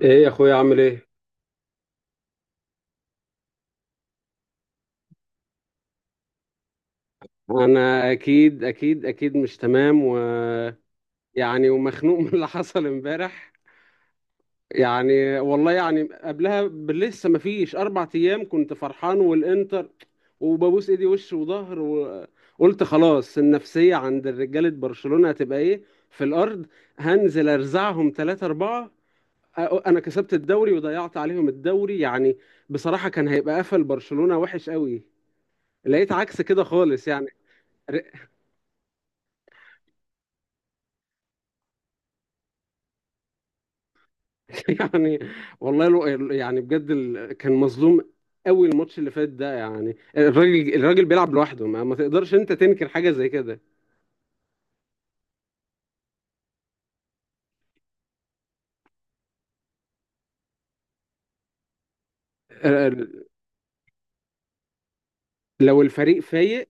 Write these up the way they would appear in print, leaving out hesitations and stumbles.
ايه يا اخويا، عامل ايه؟ انا اكيد اكيد اكيد مش تمام و يعني ومخنوق من اللي حصل امبارح. يعني والله يعني قبلها لسه ما فيش اربع ايام كنت فرحان والانتر، وببوس ايدي وش وظهر، وقلت خلاص، النفسية عند رجالة برشلونة هتبقى ايه، في الارض. هنزل ارزعهم ثلاثة اربعة. انا كسبت الدوري وضيعت عليهم الدوري يعني. بصراحة كان هيبقى قفل برشلونة وحش قوي، لقيت عكس كده خالص يعني. يعني والله لو، يعني بجد كان مظلوم قوي الماتش اللي فات ده. يعني الراجل بيلعب لوحده، ما تقدرش انت تنكر حاجه زي كده. آه، ال- لو الفريق فايق،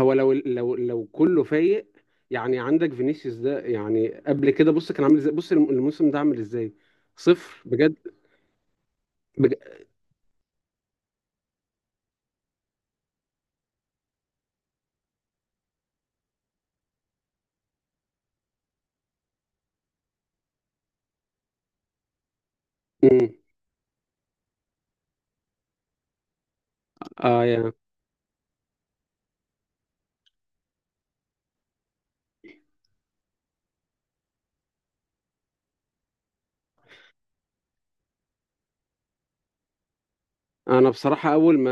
هو لو كله فايق. يعني عندك فينيسيوس ده، يعني قبل كده بص كان عامل ازاي، بص الموسم ده عامل ازاي، صفر بجد، بجد. مم. اه يعني انا بصراحه اول ما،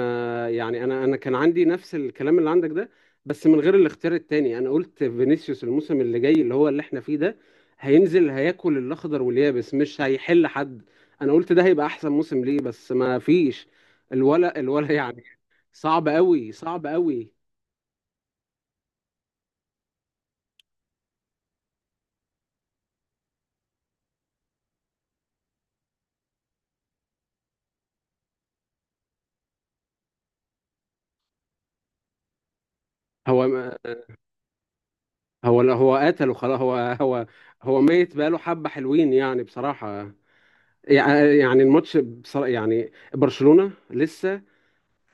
يعني انا كان عندي نفس الكلام اللي عندك ده، بس من غير الاختيار التاني. انا قلت فينيسيوس الموسم اللي جاي، اللي هو اللي احنا فيه ده، هينزل هياكل الاخضر واليابس، مش هيحل حد. انا قلت ده هيبقى احسن موسم ليه، بس ما فيش. الولا يعني، صعب قوي صعب قوي. هو ما- هو لا، هو قتله خلاص. هو هو ميت بقاله حبه حلوين يعني بصراحه. يعني الماتش بصراحة، يعني برشلونة لسه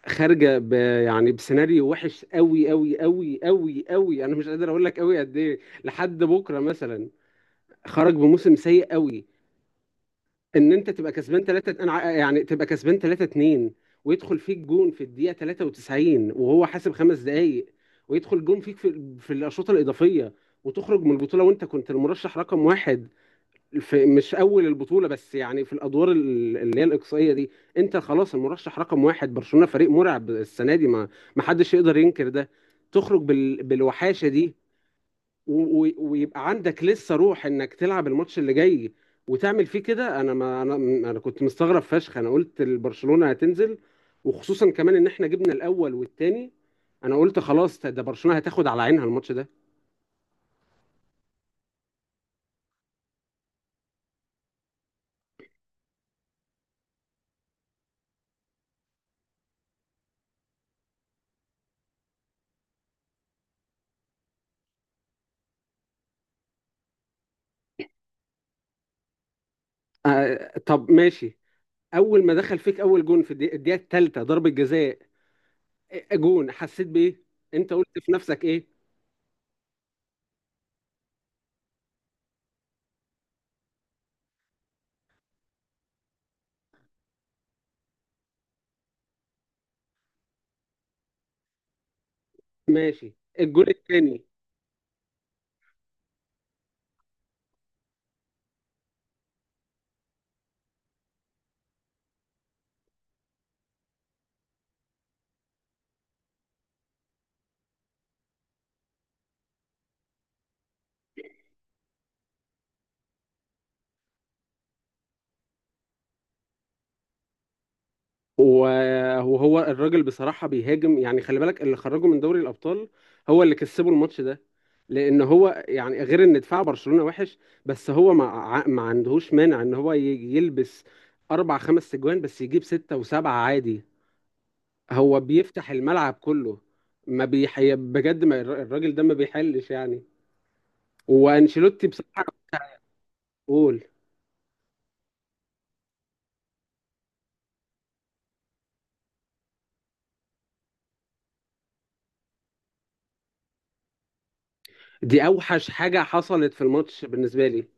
خارجه يعني بسيناريو وحش قوي قوي قوي قوي قوي، انا مش قادر اقول لك قوي قد ايه، لحد بكره مثلا خرج بموسم سيء قوي. ان انت تبقى كسبان 3، يعني تبقى كسبان 3-2 ويدخل فيك جون في الدقيقه 93 وهو حاسب خمس دقائق، ويدخل جون فيك في الاشواط الاضافيه، وتخرج من البطوله وانت كنت المرشح رقم واحد، في مش اول البطوله، بس يعني في الادوار اللي هي الاقصائيه دي. انت خلاص المرشح رقم واحد، برشلونه فريق مرعب السنه دي، ما حدش يقدر ينكر ده. تخرج بالوحاشه دي و... ويبقى عندك لسه روح انك تلعب الماتش اللي جاي وتعمل فيه كده. انا ما انا انا كنت مستغرب فشخ، انا قلت البرشلونه هتنزل، وخصوصا كمان ان احنا جبنا الاول والتاني. انا قلت خلاص، ده برشلونه هتاخد على عينها الماتش ده. طب ماشي، اول ما دخل فيك اول جون في الدقيقة الثالثه ضربه جزاء. جون، حسيت بايه؟ انت قلت في نفسك ايه؟ ماشي. الجون الثاني. وهو الراجل بصراحه بيهاجم يعني، خلي بالك اللي خرجه من دوري الابطال هو اللي كسبه الماتش ده، لان هو يعني غير ان دفاع برشلونه وحش، بس هو ما عندهوش مانع ان هو يلبس اربع خمس تجوان، بس يجيب سته وسبعه عادي، هو بيفتح الملعب كله. ما بيحي... بجد ما الراجل ده ما بيحلش يعني. وانشيلوتي بصراحه، بقول، دي اوحش حاجه حصلت في الماتش بالنسبه لي.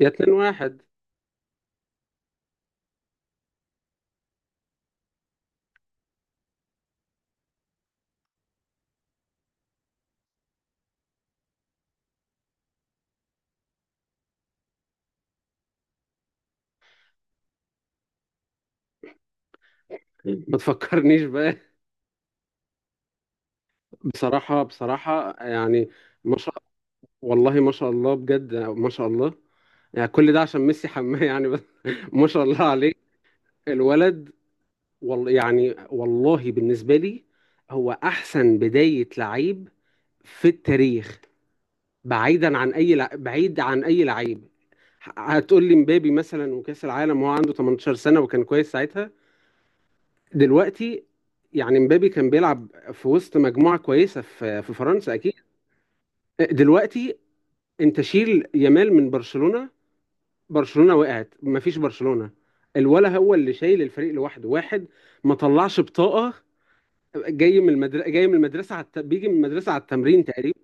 يا 2-1، ما تفكرنيش بقى. بصراحه بصراحه يعني، ما شاء، والله ما شاء الله، بجد ما شاء الله. يعني كل ده عشان ميسي حماه يعني بس، ما شاء الله عليه الولد. والله يعني، والله بالنسبه لي هو احسن بدايه لعيب في التاريخ، بعيدا عن اي بعيد عن اي لعيب. هتقول لي مبابي مثلا وكاس العالم وهو عنده 18 سنه وكان كويس ساعتها. دلوقتي، يعني مبابي كان بيلعب في وسط مجموعه كويسه في فرنسا اكيد. دلوقتي انت شيل يامال من برشلونه، برشلونه وقعت، مفيش برشلونه. الولا هو اللي شايل الفريق لوحده واحد، ما طلعش بطاقه، جاي من المدرسه بيجي من المدرسه على التمرين تقريبا،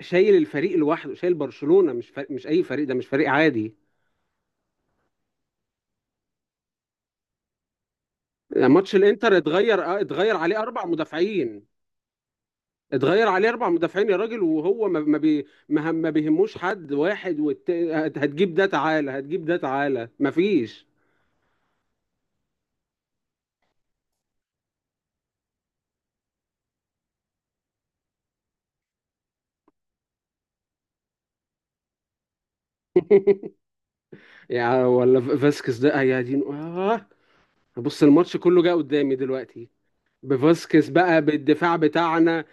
شايل الفريق لوحده، شايل برشلونه، مش فريق، مش اي فريق، ده مش فريق عادي. ماتش الانتر اتغير اتغير عليه اربع مدافعين، اتغير عليه اربع مدافعين يا راجل، وهو ما ما بي ما ما بيهموش حد واحد، هتجيب ده تعالى، هتجيب ده تعالى، ما فيش. يا ولا، فاسكس ده يا دين آه. بص الماتش كله جه قدامي دلوقتي بفاسكس بقى، بالدفاع بتاعنا. ب...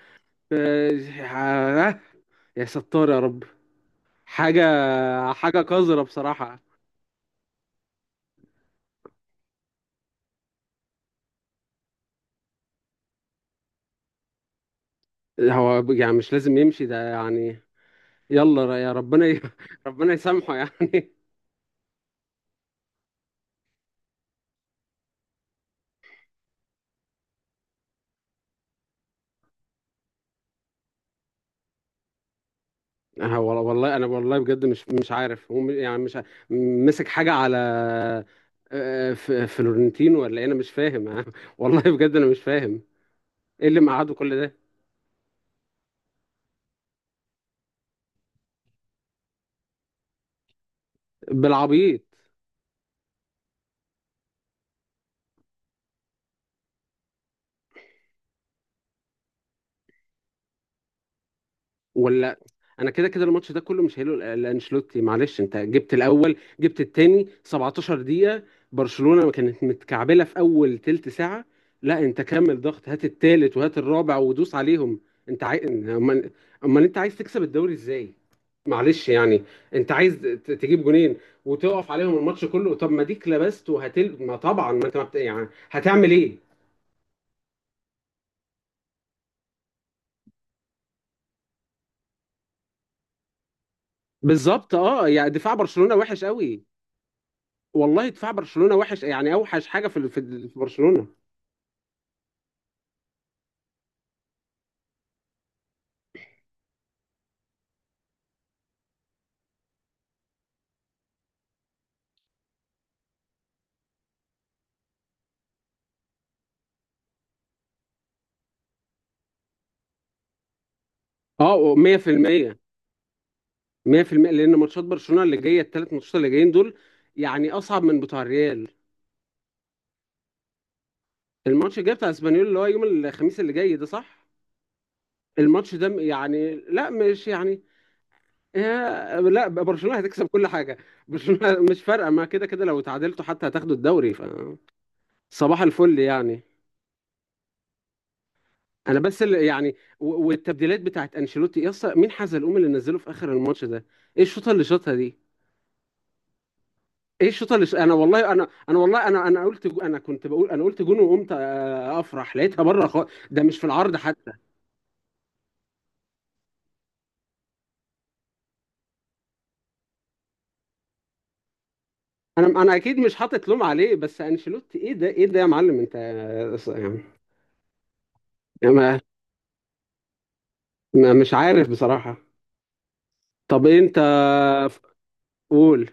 آه. يا ستار يا رب. حاجة حاجة قذرة بصراحة، هو يعني مش لازم يمشي ده يعني. يلا يا ربنا ربنا يسامحه يعني. والله انا، والله بجد مش عارف. هو يعني مش ع- مسك حاجه على فلورنتينو ولا إيه؟ انا مش فاهم والله بجد انا مش فاهم ايه اللي مقعده كل ده، بالعبيط. ولا، انا كده كده الماتش ده كله مش هيلو لانشيلوتي. معلش، انت جبت الاول، جبت التاني 17 دقيقة، برشلونة ما كانت متكعبلة في اول تلت ساعة، لا انت كمل ضغط، هات التالت وهات الرابع ودوس عليهم. انت عاي... امال امال انت عايز تكسب الدوري ازاي؟ معلش يعني، انت عايز تجيب جونين وتقف عليهم الماتش كله، طب ما ديك لبست وهتل، ما طبعا ما انت ما بت... يعني هتعمل ايه؟ بالظبط اه يعني دفاع برشلونة وحش قوي، والله دفاع برشلونة وحش، يعني اوحش حاجة في برشلونة. اه 100% 100%، لان ماتشات برشلونة اللي جاية، الثلاث ماتشات اللي جايين دول، يعني اصعب من بتوع الريال. الماتش الجاي بتاع اسبانيول اللي هو يوم الخميس اللي جاي ده، صح. الماتش ده يعني لا مش يعني، لا برشلونة هتكسب كل حاجة. برشلونة مش فارقة، ما كده كده لو تعادلتوا حتى هتاخدوا الدوري، ف صباح الفل يعني. انا بس اللي يعني، والتبديلات بتاعت انشيلوتي يا اسطى، مين حزلقوم اللي نزله في اخر الماتش ده؟ ايه الشوطه اللي شاطها دي؟ ايه الشوطه انا والله انا والله انا قلت انا كنت بقول، انا قلت جون وقمت افرح، لقيتها بره خالص ده، مش في العرض حتى. انا اكيد مش حاطط لوم عليه، بس انشيلوتي ايه ده، ايه ده يا معلم انت يعني. ما مش عارف بصراحه. طب انت ف- قول.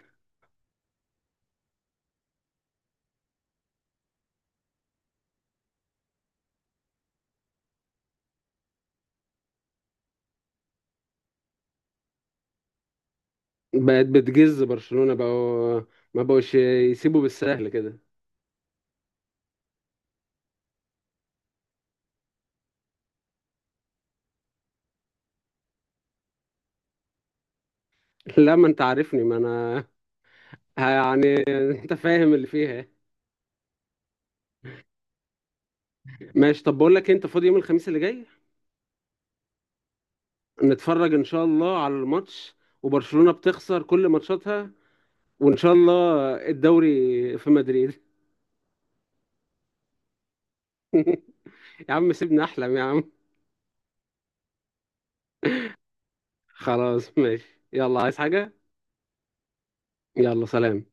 بقت بتجز برشلونه بقوا، ما بقوش يسيبوا بالسهل كده. لا ما انت عارفني، ما انا يعني، انت فاهم اللي فيها. ماشي طب بقول لك إيه، انت فاضي يوم الخميس اللي جاي؟ نتفرج ان شاء الله على الماتش، وبرشلونة بتخسر كل ماتشاتها، وان شاء الله الدوري في مدريد. يا عم سيبني احلم يا عم. خلاص ماشي، يلا عايز حاجة؟ يلا سلام.